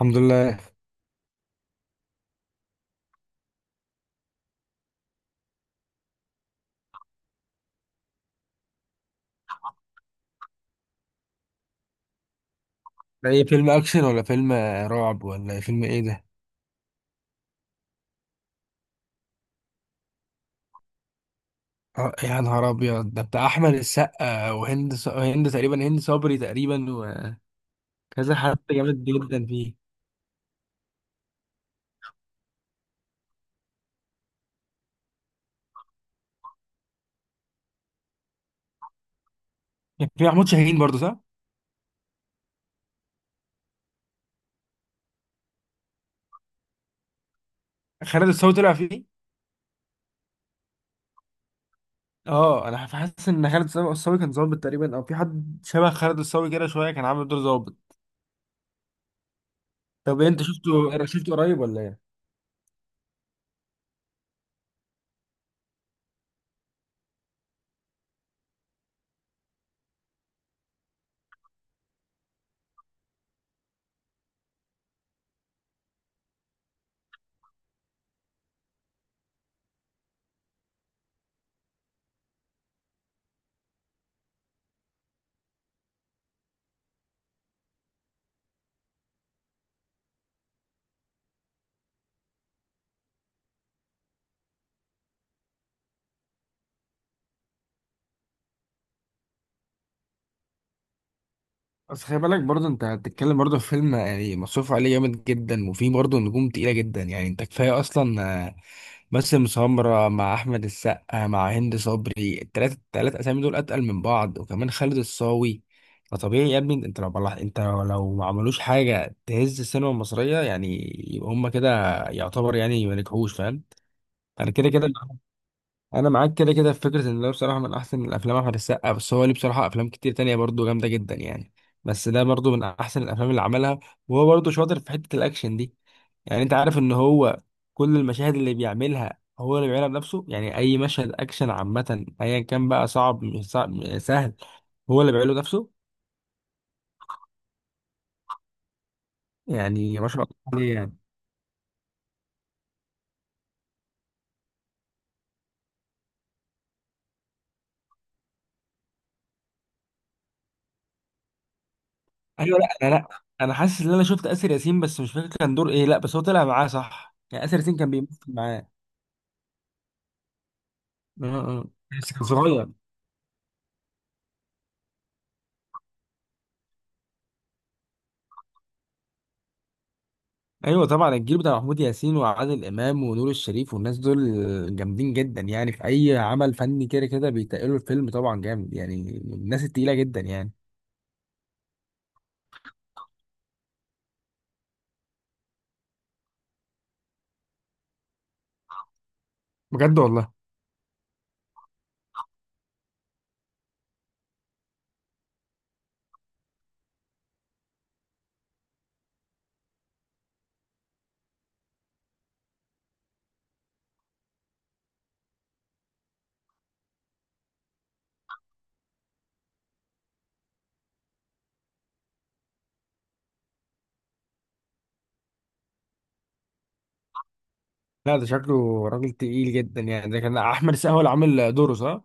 الحمد لله. ده ايه، فيلم اكشن ولا فيلم رعب ولا ايه؟ فيلم ايه ده؟ يا نهار ابيض، ده بتاع احمد السقا وهند ص... هند تقريبا هند صبري تقريبا. وكذا حد جامد جدا فيه. كان في محمود شاهين برضه، صح؟ خالد الصاوي طلع فيه. اه، انا حاسس ان خالد الصاوي كان ظابط تقريبا، او في حد شبه خالد الصاوي كده شويه كان عامل دور ظابط. طب إيه، انت شفته قريب ولا ايه؟ بس خلي بالك، برضه انت هتتكلم برضه في فيلم يعني مصروف عليه جامد جدا، وفيه برضه نجوم تقيلة جدا. يعني انت كفاية اصلا، آه، باسم سمرة مع احمد السقا مع هند صبري، التلاتة التلات اسامي دول اتقل من بعض، وكمان خالد الصاوي. فطبيعي يا ابني، انت لو ما عملوش حاجة تهز السينما المصرية، يعني يبقى هما كده يعتبر يعني ما نجحوش، فاهم. انا كده كده، انا معاك كده كده في فكره ان ده بصراحه من احسن الافلام احمد السقا. بس هو ليه بصراحه افلام كتير تانية برضو جامده جدا يعني، بس ده برضو من احسن الافلام اللي عملها. وهو برضو شاطر في حته الاكشن دي. يعني انت عارف ان هو كل المشاهد اللي بيعملها هو اللي بيعملها بنفسه، يعني اي مشهد اكشن عامه، ايا كان بقى صعب مش صعب مش سهل، هو اللي بيعمله بنفسه. يعني ما شاء الله عليه يعني. ايوه. لا، انا حاسس ان انا شفت اسر ياسين، بس مش فاكر كان دور ايه. لا بس هو طلع معاه صح، يعني اسر ياسين كان بيمثل معاه. اه. اه، بس كان صغير. ايوه طبعا، الجيل بتاع محمود ياسين وعادل امام ونور الشريف والناس دول جامدين جدا، يعني في اي عمل فني كده كده بيتقلوا الفيلم، طبعا جامد يعني من الناس التقيله جدا يعني. بجد والله؟ لا، ده شكله راجل تقيل جدا يعني. ده كان احمد السقا هو اللي عامل دوره، صح؟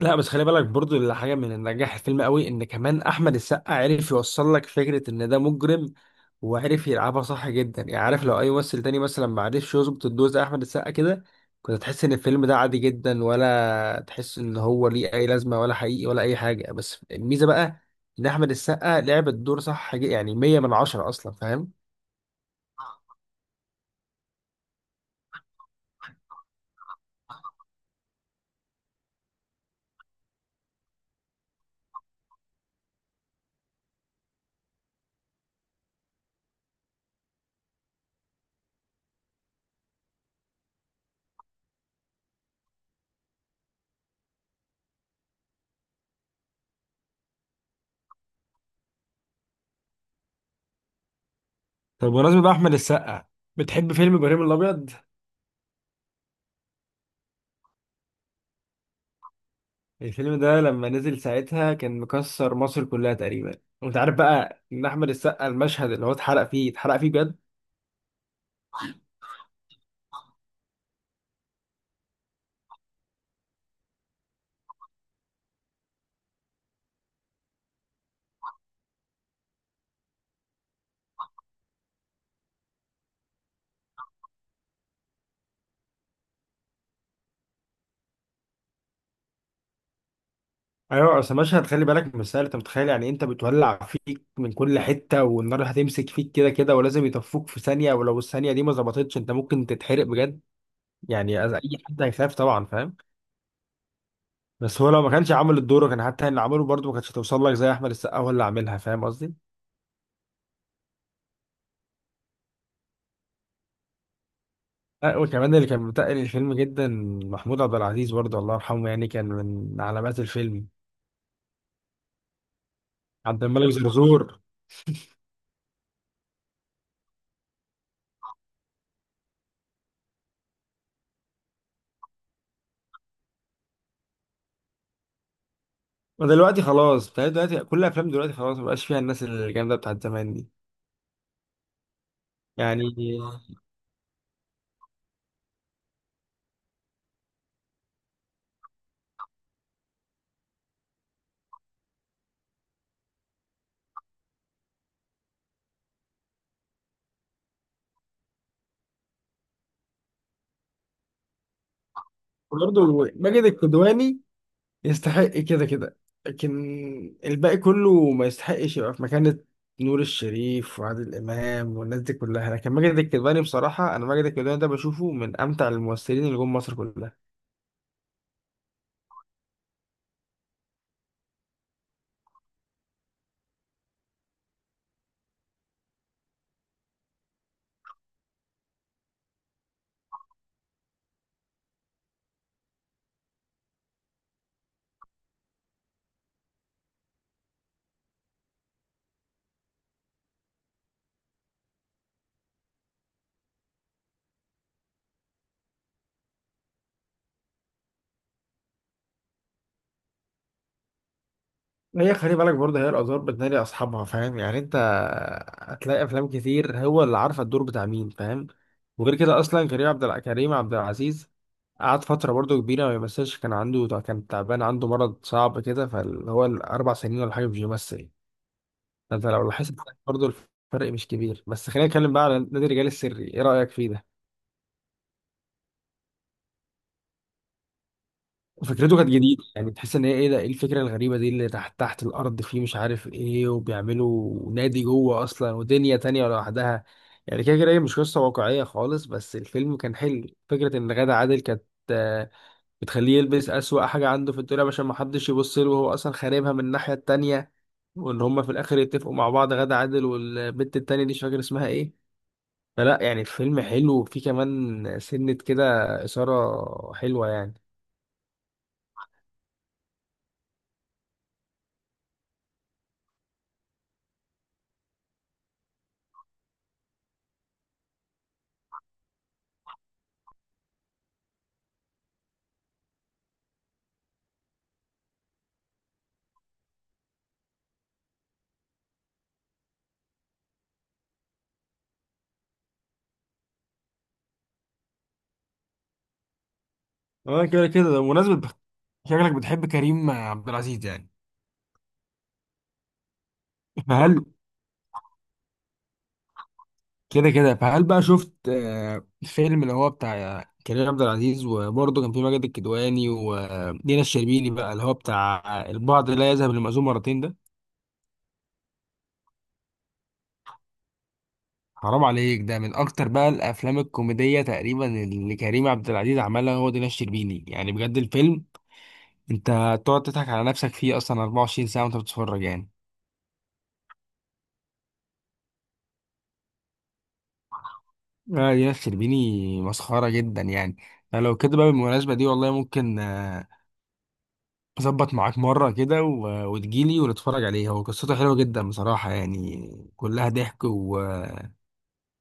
لا بس خلي بالك برضو، اللي حاجه من اللي نجح الفيلم قوي ان كمان احمد السقا عرف يوصل لك فكره ان ده مجرم، وعرف يلعبها صح جدا. يعني عارف، لو اي ممثل تاني مثلا ما عرفش يظبط الدور زي احمد السقا كده، كنت تحس ان الفيلم ده عادي جدا، ولا تحس ان هو ليه اي لازمه ولا حقيقي ولا اي حاجه. بس الميزه بقى ان احمد السقا لعب الدور صح، يعني 100 من 10 اصلا، فاهم. طب بمناسبة بقى احمد السقا، بتحب فيلم ابراهيم الابيض؟ الفيلم ده لما نزل ساعتها كان مكسر مصر كلها تقريبا. وانت عارف بقى ان احمد السقا المشهد اللي هو اتحرق فيه، اتحرق فيه بجد. ايوه، اصل مشهد خلي بالك مش سهل. انت متخيل يعني، انت بتولع فيك من كل حته، والنار هتمسك فيك كده كده، ولازم يطفوك في ثانيه، ولو الثانيه دي ما ظبطتش انت ممكن تتحرق بجد. يعني اي حد هيخاف طبعا، فاهم. بس هو لو ما كانش عامل الدور، كان حتى اللي عمله برضه ما كانتش هتوصل لك زي احمد السقا هو اللي عاملها، فاهم قصدي؟ لا، وكمان اللي كان متقل الفيلم جدا محمود عبد العزيز برضه، الله يرحمه، يعني كان من علامات الفيلم. عبد الملك زرزور. ودلوقتي خلاص، بتهيألي دلوقتي كل الافلام دلوقتي خلاص ما بقاش فيها الناس الجامده بتاعت زمان دي يعني. برضه ماجد الكدواني يستحق كده كده، لكن الباقي كله ما يستحقش يبقى في مكانة نور الشريف وعادل إمام والناس دي كلها. لكن ماجد الكدواني بصراحة، أنا ماجد الكدواني ده بشوفه من أمتع الممثلين اللي جم مصر كلها. هي خلي بالك برضه، هي الآثار بتنادي أصحابها، فاهم يعني. أنت هتلاقي أفلام كتير هو اللي عارفة الدور بتاع مين، فاهم. وغير كده أصلا كريم عبد العزيز قعد فترة برضه كبيرة ما بيمثلش. كان تعبان، عنده مرض صعب كده، فاللي هو الأربع سنين ولا حاجة مش بيمثل. أنت لو لاحظت برضه الفرق مش كبير. بس خلينا نتكلم بقى على نادي الرجال السري، إيه رأيك فيه ده؟ فكرته كانت جديدة، يعني تحس ان هي ايه ده، ايه الفكرة الغريبة دي اللي تحت تحت الارض، فيه مش عارف ايه، وبيعملوا نادي جوه اصلا ودنيا تانية لوحدها. يعني كده كده هي مش قصة واقعية خالص، بس الفيلم كان حلو. فكرة ان غادة عادل كانت، آه، بتخليه يلبس اسوأ حاجة عنده في الدنيا عشان محدش يبص له، وهو اصلا خاربها من الناحية التانية، وان هما في الاخر يتفقوا مع بعض، غادة عادل والبنت التانية دي مش فاكر اسمها ايه. فلا يعني الفيلم حلو، وفيه كمان سنة كده إثارة حلوة يعني. اه كده كده بمناسبة، شكلك بتحب كريم عبد العزيز يعني. فهل كده كده، فهل بقى شفت الفيلم اللي هو بتاع كريم عبد العزيز، وبرضه كان في ماجد الكدواني ودينا الشربيني، بقى اللي هو بتاع البعض لا يذهب للمأذون مرتين ده؟ حرام عليك، ده من اكتر بقى الافلام الكوميدية تقريبا اللي كريم عبد العزيز عملها هو دينا الشربيني. يعني بجد الفيلم، انت تقعد تضحك على نفسك فيه اصلا 24 ساعة وانت بتتفرج يعني. دينا الشربيني مسخرة جدا يعني. فلو كده بقى بالمناسبة دي، والله ممكن اظبط معاك مره كده وتجيلي ونتفرج عليه. هو قصته حلوه جدا بصراحه يعني، كلها ضحك، و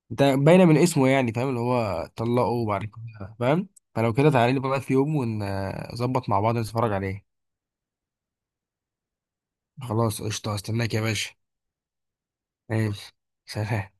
ده باينه من اسمه يعني، فاهم، اللي هو طلقه وبعد كده، فاهم. فلو كده تعالى لي بقى في يوم، ونظبط مع بعض نتفرج عليه. خلاص قشطه، استناك يا باشا. ماشي، سلام.